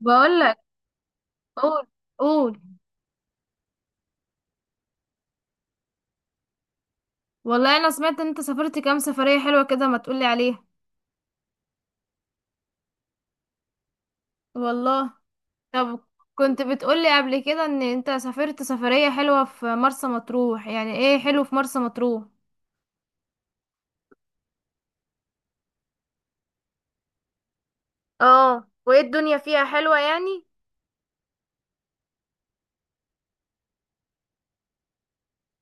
بقول لك. قول. قول. والله انا سمعت ان انت سافرت كام سفرية حلوة كده، ما تقولي عليها؟ والله. طب كنت بتقولي قبل كده ان انت سافرت سفرية حلوة في مرسى مطروح، يعني ايه حلو في مرسى مطروح؟ اه وايه الدنيا فيها حلوة يعني؟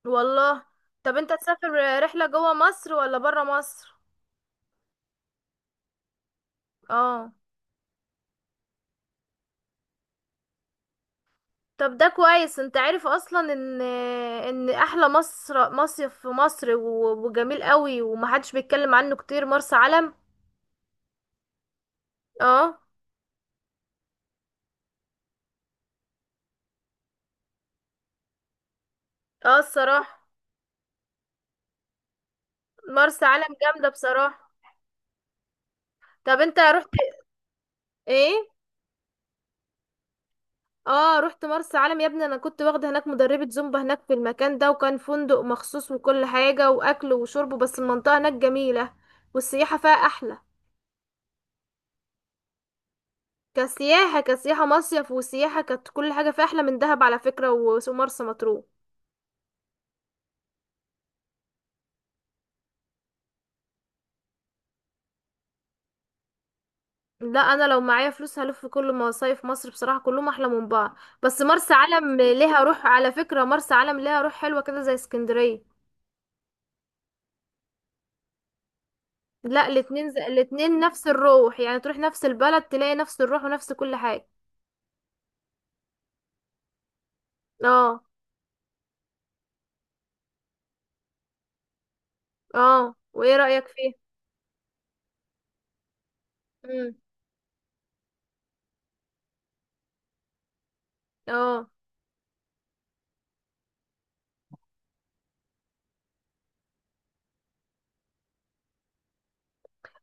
والله. طب انت تسافر رحلة جوه مصر ولا برا مصر؟ اه. طب ده كويس، انت عارف اصلا ان ان احلى مصر مصيف في مصر وجميل قوي ومحدش بيتكلم عنه كتير، مرسى علم. اه. اه الصراحة، مرسى علم جامدة بصراحة. طب انت رحت؟ ايه. اه رحت مرسى علم يا ابني، انا كنت واخدة هناك مدربة زومبا هناك في المكان ده، وكان فندق مخصوص وكل حاجة، واكل وشرب، بس المنطقة هناك جميلة والسياحة فيها احلى. كسياحة، كسياحة مصيف وسياحة، كانت كل حاجة فيها احلى من دهب على فكرة ومرسى مطروح. لا انا لو معايا فلوس هلف في كل مصايف مصر بصراحة، كلهم احلى من بعض، بس مرسى علم ليها روح على فكرة، مرسى علم ليها روح حلوة كده زي اسكندرية. لا الاتنين زي... الاتنين نفس الروح، يعني تروح نفس البلد تلاقي نفس الروح ونفس كل حاجة. اه. اه وايه رأيك فيه؟ امم. اه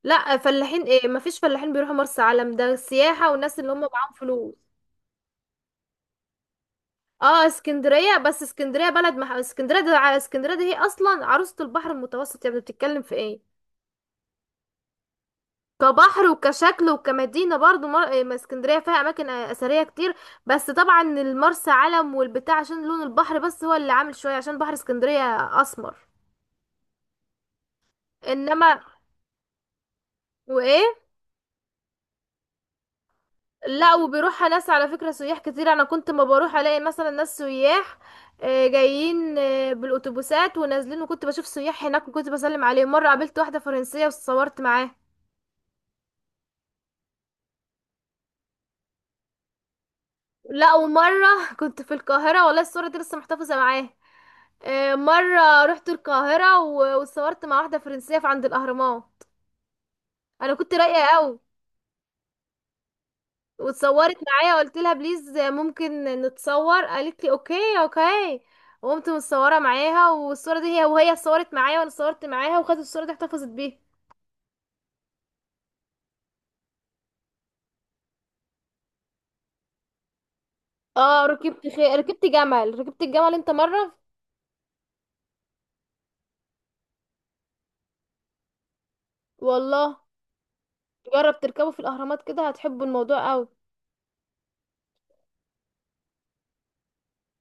لا، فلاحين ايه، مفيش فلاحين بيروحوا مرسى علم، ده سياحة والناس اللي هم معاهم فلوس. اه اسكندرية، بس اسكندرية بلد مح... اسكندرية ده ع- اسكندرية دي هي اصلا عروسة البحر المتوسط، يعني بتتكلم في ايه. كبحر وكشكل وكمدينة برضو مر... إيه، ما اسكندرية فيها أماكن آه، أثرية كتير. بس طبعا المرسى علم والبتاع عشان لون البحر بس هو اللي عامل شوية، عشان بحر اسكندرية أسمر. إنما وإيه. لا وبيروحها ناس على فكرة، سياح كتير، أنا كنت ما بروح ألاقي مثلا ناس سياح آه، جايين آه، بالأتوبيسات ونازلين، وكنت بشوف سياح هناك وكنت بسلم عليهم، مرة قابلت واحدة فرنسية وصورت معاها. لا ومرة كنت في القاهرة، والله الصورة دي لسه محتفظة معاها. آه، مرة رحت القاهرة واتصورت مع واحدة فرنسية في عند الأهرامات، أنا كنت رايقة قوي واتصورت معايا، قلت لها بليز ممكن نتصور، قالت لي اوكي اوكي، وقمت متصورة معاها والصورة دي هي وهي اتصورت معايا وانا اتصورت معاها، وخدت الصورة دي احتفظت بيها. اه ركبت خي... ركبت جمل، ركبت الجمل انت مرة؟ والله جرب تركبه في الأهرامات كده، هتحبوا الموضوع قوي.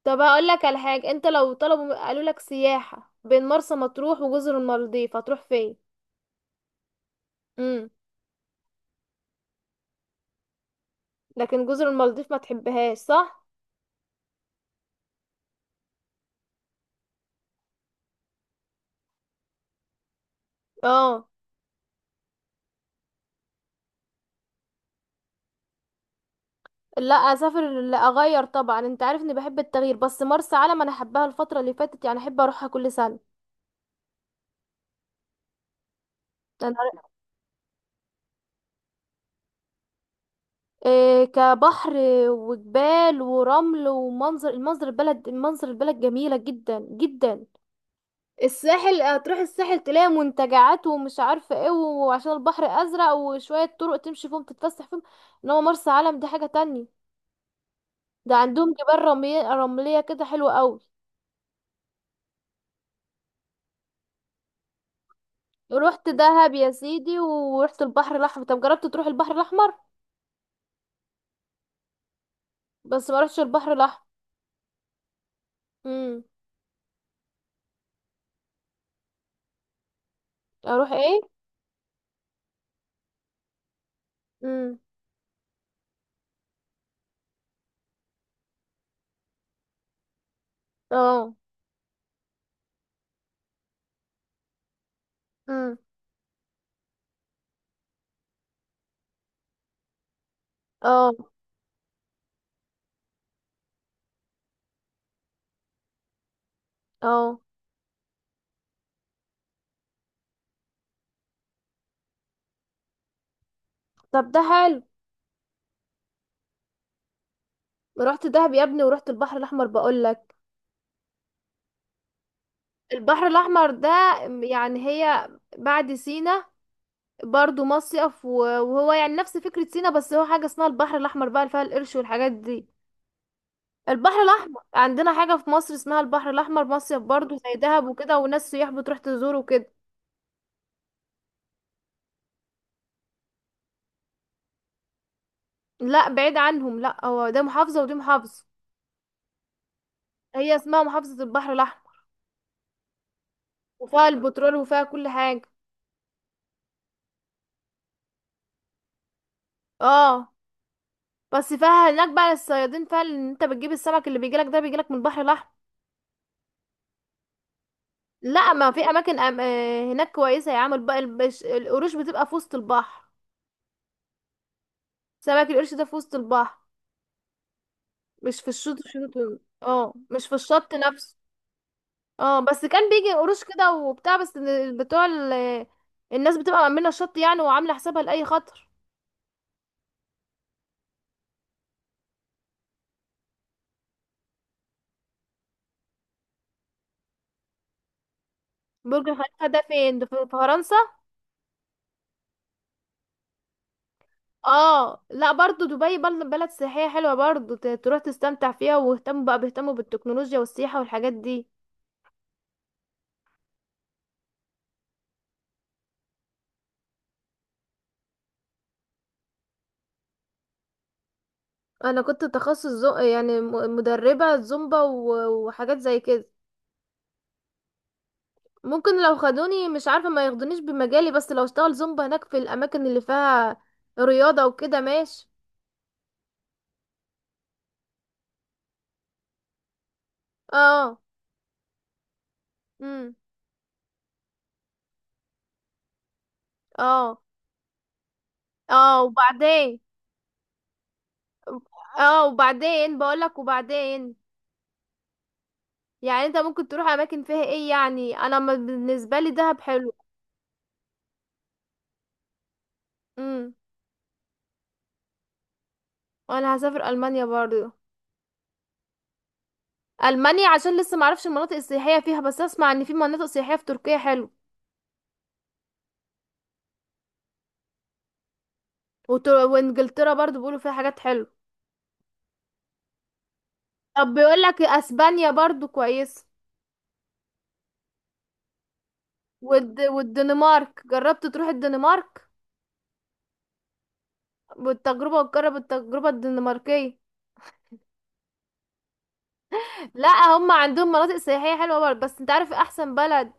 طب هقول لك على حاجة، انت لو طلبوا قالوا لك سياحة بين مرسى مطروح وجزر المالديف هتروح فين؟ امم. لكن جزر المالديف ما تحبهاش صح؟ اه. لا اسافر، لا اغير طبعا، انت عارف اني بحب التغيير، بس مرسى علم انا حباها الفترة اللي فاتت، يعني احب اروحها كل سنة. انا إيه، كبحر وجبال ورمل ومنظر، المنظر البلد، منظر البلد جميلة جدا جدا. الساحل هتروح الساحل تلاقي منتجعات ومش عارفه ايه، وعشان البحر ازرق، وشويه طرق تمشي فيهم تتفسح فيهم. انما مرسى علم دي حاجه تانية، ده عندهم جبال رمليه، رمليه كده حلوه قوي. رحت دهب يا سيدي ورحت البحر الاحمر، طب جربت تروح البحر الاحمر؟ بس ما رحتش البحر الاحمر. امم. اروح ايه؟ امم. اه. امم. اه. اه طب ده حلو. رحت دهب يا ابني ورحت البحر الاحمر بقول لك. البحر الاحمر ده، يعني هي بعد سينا، برضو مصيف وهو يعني نفس فكرة سينا، بس هو حاجة اسمها البحر الأحمر بقى، اللي فيها القرش والحاجات دي. البحر الأحمر عندنا حاجة في مصر اسمها البحر الأحمر، مصيف برضو زي دهب وكده، وناس سياح بتروح تزور وكده. لا بعيد عنهم، لا هو ده محافظة ودي محافظة. هي اسمها محافظة البحر الأحمر، وفيها البترول وفيها كل حاجة. اه. بس فيها هناك بقى الصيادين، فيها ان انت بتجيب السمك اللي بيجيلك ده بيجيلك من البحر الأحمر. لا ما في أماكن أم... آه، هناك كويسة يا عم، الب... البش... القروش بتبقى في وسط البحر. سمك القرش ده في وسط البحر، مش في الشط، الشط اه مش في الشط نفسه. اه بس كان بيجي قروش كده وبتاع، بس بتوع الناس بتبقى مأمنة الشط يعني، وعاملة حسابها لأي خطر. برج خليفة ده فين، ده في في فرنسا؟ اه لا برضو دبي بلد سياحية حلوة برضو، تروح تستمتع فيها، واهتموا بقى، بيهتموا بالتكنولوجيا والسياحة والحاجات دي. انا كنت تخصص زو... يعني مدربة زومبا وحاجات زي كده. ممكن لو خدوني، مش عارفة ما ياخدونيش بمجالي، بس لو اشتغل زومبا هناك في الأماكن اللي فيها رياضة وكده ماشي. اه. امم. اه. اه وبعدين. اه وبعدين بقولك وبعدين، يعني انت ممكن تروح أماكن فيها ايه، يعني انا ما- بالنسبة لي دهب حلو. امم. وانا هسافر ألمانيا برضو. ألمانيا عشان لسه معرفش المناطق السياحية فيها، بس اسمع ان في مناطق سياحية في تركيا حلو. وتر... وانجلترا برضو بيقولوا فيها حاجات حلوة. طب بيقولك اسبانيا برضو كويسة. والد... والدنمارك جربت تروح الدنمارك؟ بالتجربة، وتجرب التجربة الدنماركية. لا. هم عندهم مناطق سياحية حلوة برضه، بس انت عارف احسن بلد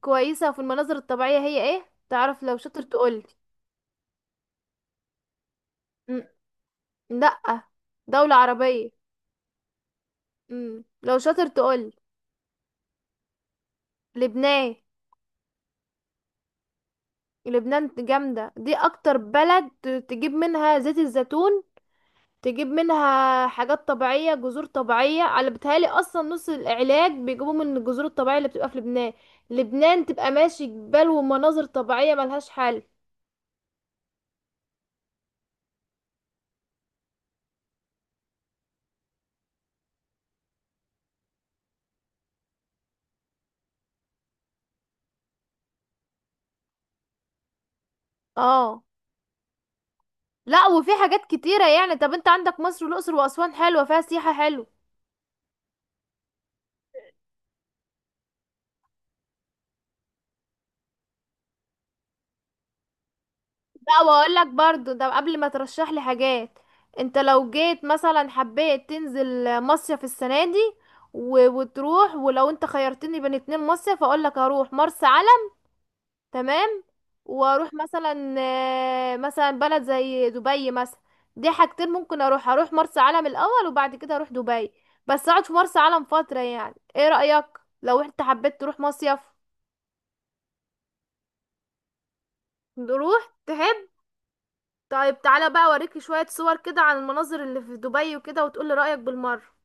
كويسة في المناظر الطبيعية هي ايه؟ تعرف؟ لو شاطر تقولي. م-. لا، دولة عربية. م. لو شاطر تقولي. لبنان. لبنان جامدة، دي اكتر بلد تجيب منها زيت الزيتون، تجيب منها حاجات طبيعية، جذور طبيعية، على بتهيألي أصلا نص العلاج بيجيبوه من الجذور الطبيعية اللي بتبقى في لبنان. لبنان تبقى ماشي، جبال ومناظر طبيعية ملهاش حل. اه. لا وفي حاجات كتيرة يعني، طب انت عندك مصر والأقصر وأسوان حلوة، فيها سياحة حلوة. لا واقول لك برضو ده قبل ما ترشح لي حاجات، انت لو جيت مثلا حبيت تنزل مصيف السنه دي و... وتروح، ولو انت خيرتني بين اتنين مصيف، اقول لك هروح مرسى، تمام، واروح مثلا آه، مثلا بلد زي دبي مثلا. دي حاجتين ممكن اروح، اروح مرسى علم الاول وبعد كده اروح دبي، بس اقعد في مرسى علم فترة، يعني ايه رأيك لو انت حبيت تروح مصيف؟ نروح تحب. طيب تعالى بقى اوريكي شوية صور كده عن المناظر اللي في دبي وكده، وتقولي رأيك بالمرة.